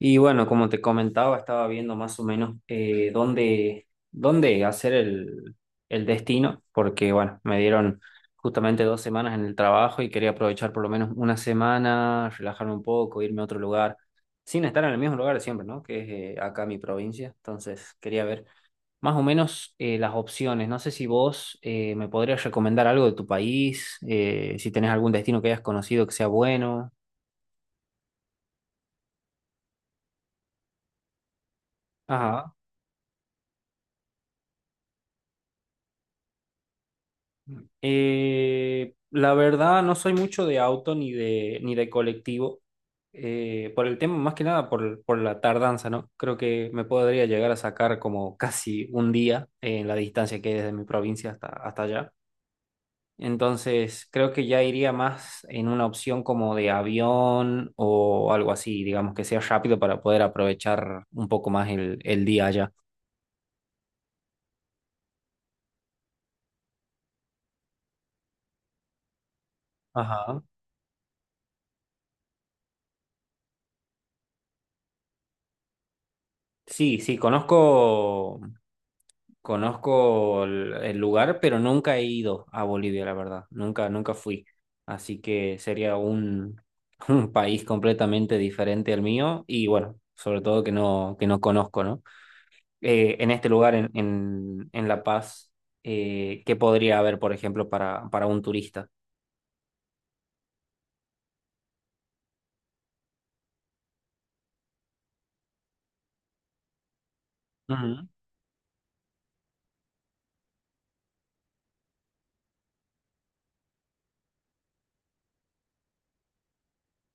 Y bueno, como te comentaba, estaba viendo más o menos dónde hacer el destino, porque bueno, me dieron justamente 2 semanas en el trabajo y quería aprovechar por lo menos una semana, relajarme un poco, irme a otro lugar, sin estar en el mismo lugar de siempre, ¿no? Que es acá mi provincia. Entonces, quería ver más o menos las opciones. No sé si vos me podrías recomendar algo de tu país, si tenés algún destino que hayas conocido que sea bueno. Ajá. La verdad, no soy mucho de auto ni de colectivo, por el tema, más que nada por la tardanza, ¿no? Creo que me podría llegar a sacar como casi un día en la distancia que hay desde mi provincia hasta allá. Entonces, creo que ya iría más en una opción como de avión o algo así, digamos, que sea rápido para poder aprovechar un poco más el día allá. Ajá. Sí, sí, conozco el lugar, pero nunca he ido a Bolivia, la verdad. Nunca, nunca fui. Así que sería un, un país completamente diferente al mío y bueno, sobre todo que no conozco, ¿no? En este lugar, en La Paz, ¿qué podría haber, por ejemplo, para un turista? Ujú.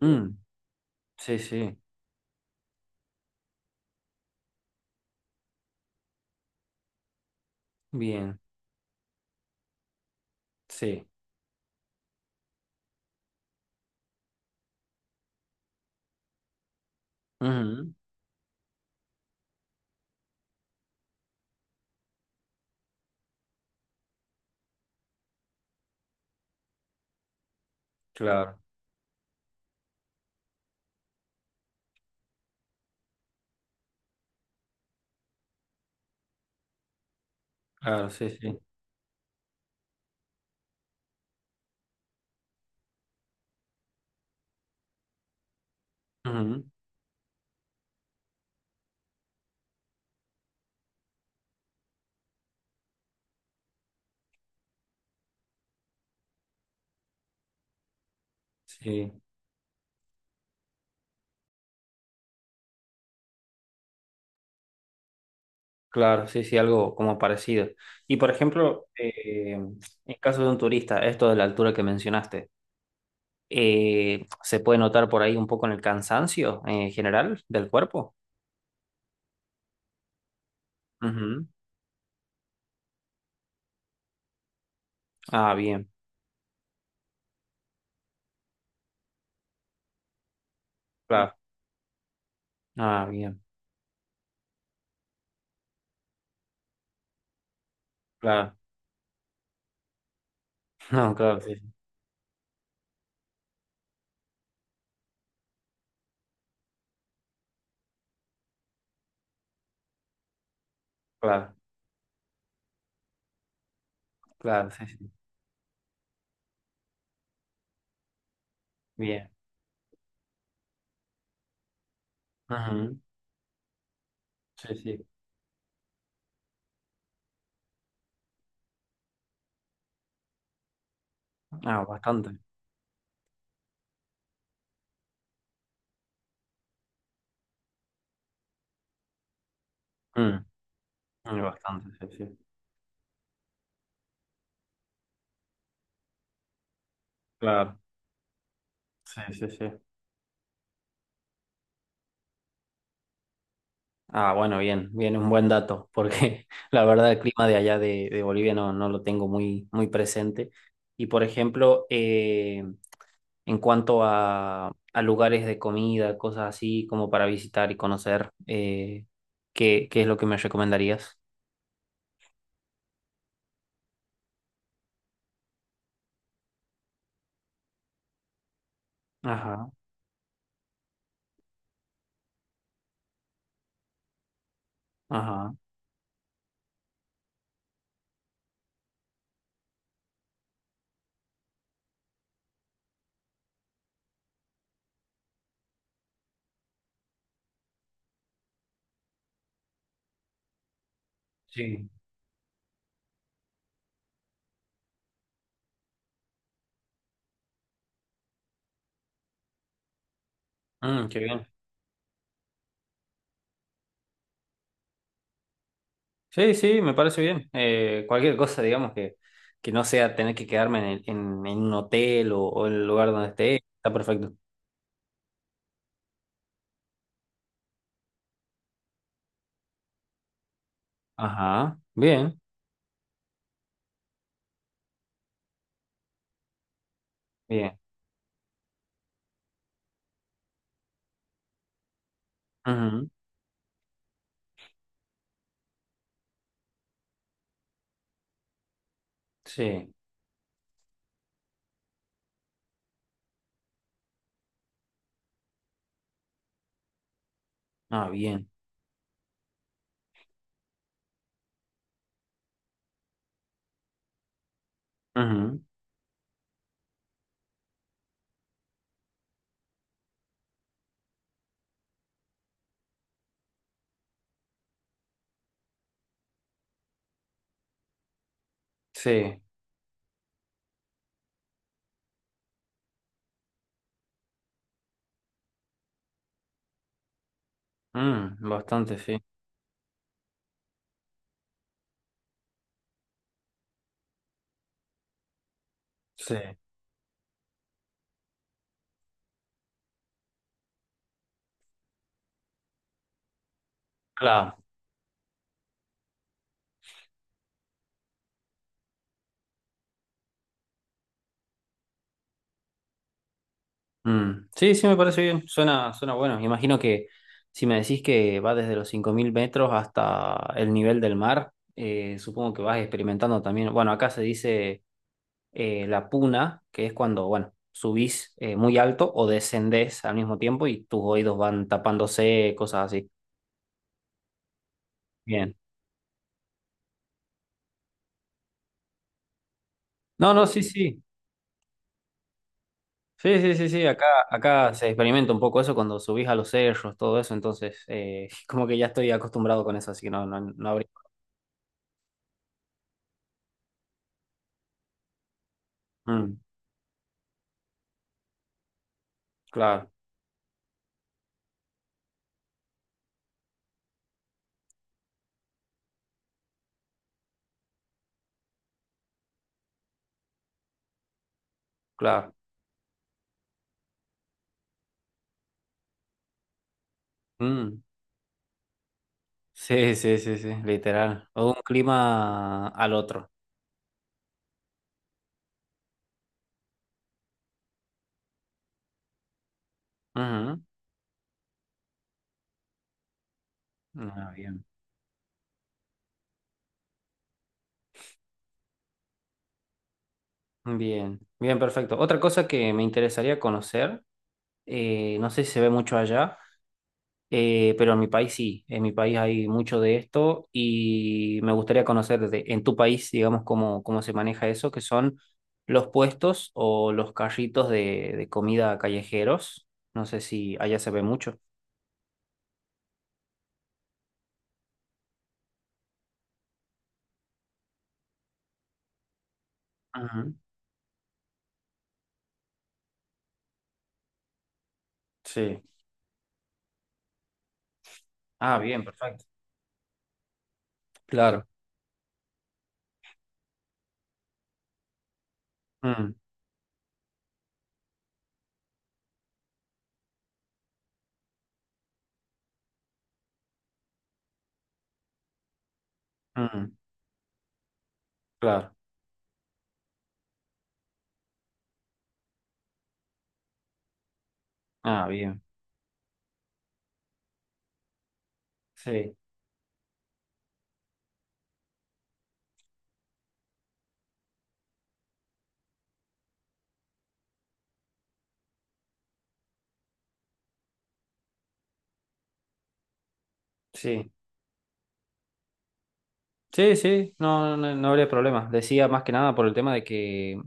Mm, sí, sí. Bien, sí. Ujú. Claro, claro, sí, sí. Ujú. Sí. Claro, sí, sí, algo como parecido. Y por ejemplo, en caso de un turista, esto de la altura que mencionaste, ¿se puede notar por ahí un poco en el cansancio en general del cuerpo? Ujú. Ah, bien, claro. Ah, bien, claro. No, claro, sí, sí, claro, claro, sí, sí. Bien. Ujú. Sí, sí. Ah, bastante. Mm, mm, bastante, sí, sí. Claro, sí, sí, sí. Ah, bueno, bien, bien, un buen dato, porque la verdad el clima de allá de Bolivia no, no lo tengo muy, muy presente. Y por ejemplo, en cuanto a lugares de comida, cosas así como para visitar y conocer, ¿qué es lo que me recomendarías? Ajá, ajá, sí. Mm, qué bien. Sí, sí, me parece bien. Cualquier cosa, digamos, que no sea tener que quedarme en un hotel o en el lugar donde esté, está perfecto. Ajá, bien. Bien. Ujú, sí. Ah, bien. Ujú, sí. Mm, bastante, sí. Sí. Claro. Mm. Sí, sí, me parece bien. Suena bueno. Imagino que si me decís que va desde los 5.000 metros hasta el nivel del mar, supongo que vas experimentando también. Bueno, acá se dice la puna, que es cuando, bueno, subís muy alto o descendés al mismo tiempo y tus oídos van tapándose, cosas así. Bien. No, no, sí, sí. Sí, sí, sí, sí, acá se experimenta un poco eso cuando subís a los cerros, todo eso, entonces como que ya estoy acostumbrado con eso, así que no, no, no habría. Mm, claro, claro. Mm, sí, sí, sí, sí, literal. O de un clima al otro. Ujú. Ah, bien. Bien, bien, perfecto. Otra cosa que me interesaría conocer, no sé si se ve mucho allá. Pero en mi país sí, en mi país hay mucho de esto y me gustaría conocer en tu país, digamos, cómo se maneja eso, que son los puestos o los carritos de comida callejeros. No sé si allá se ve mucho. Ujú, sí. Ah, bien, perfecto. Claro. Mm, mm, claro. Ah, bien. Sí, sí. Sí, sí, no, no, no habría problema. Decía más que nada por el tema de que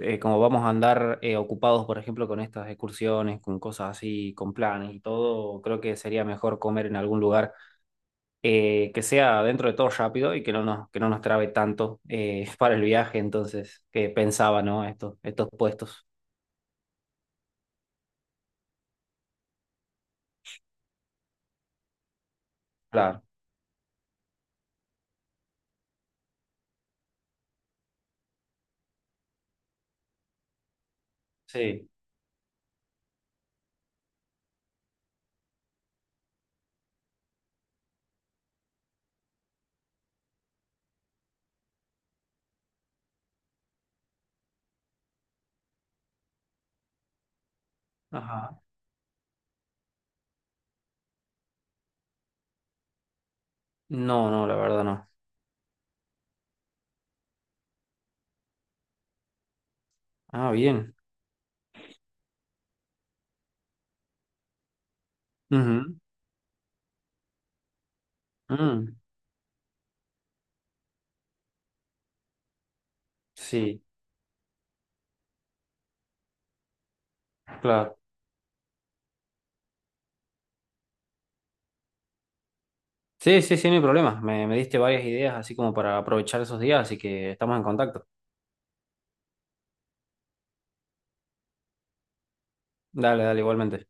como vamos a andar ocupados, por ejemplo, con estas excursiones, con cosas así, con planes y todo, creo que sería mejor comer en algún lugar que sea dentro de todo rápido y que no nos trabe tanto para el viaje. Entonces, que pensaba, ¿no? Estos puestos. Claro, sí. Ajá. No, no, la verdad no. Ah, bien. Ujú. Mm, sí, claro. Sí, sí, sí, no hay problema. Me diste varias ideas así como para aprovechar esos días, así que estamos en contacto. Dale, dale, igualmente.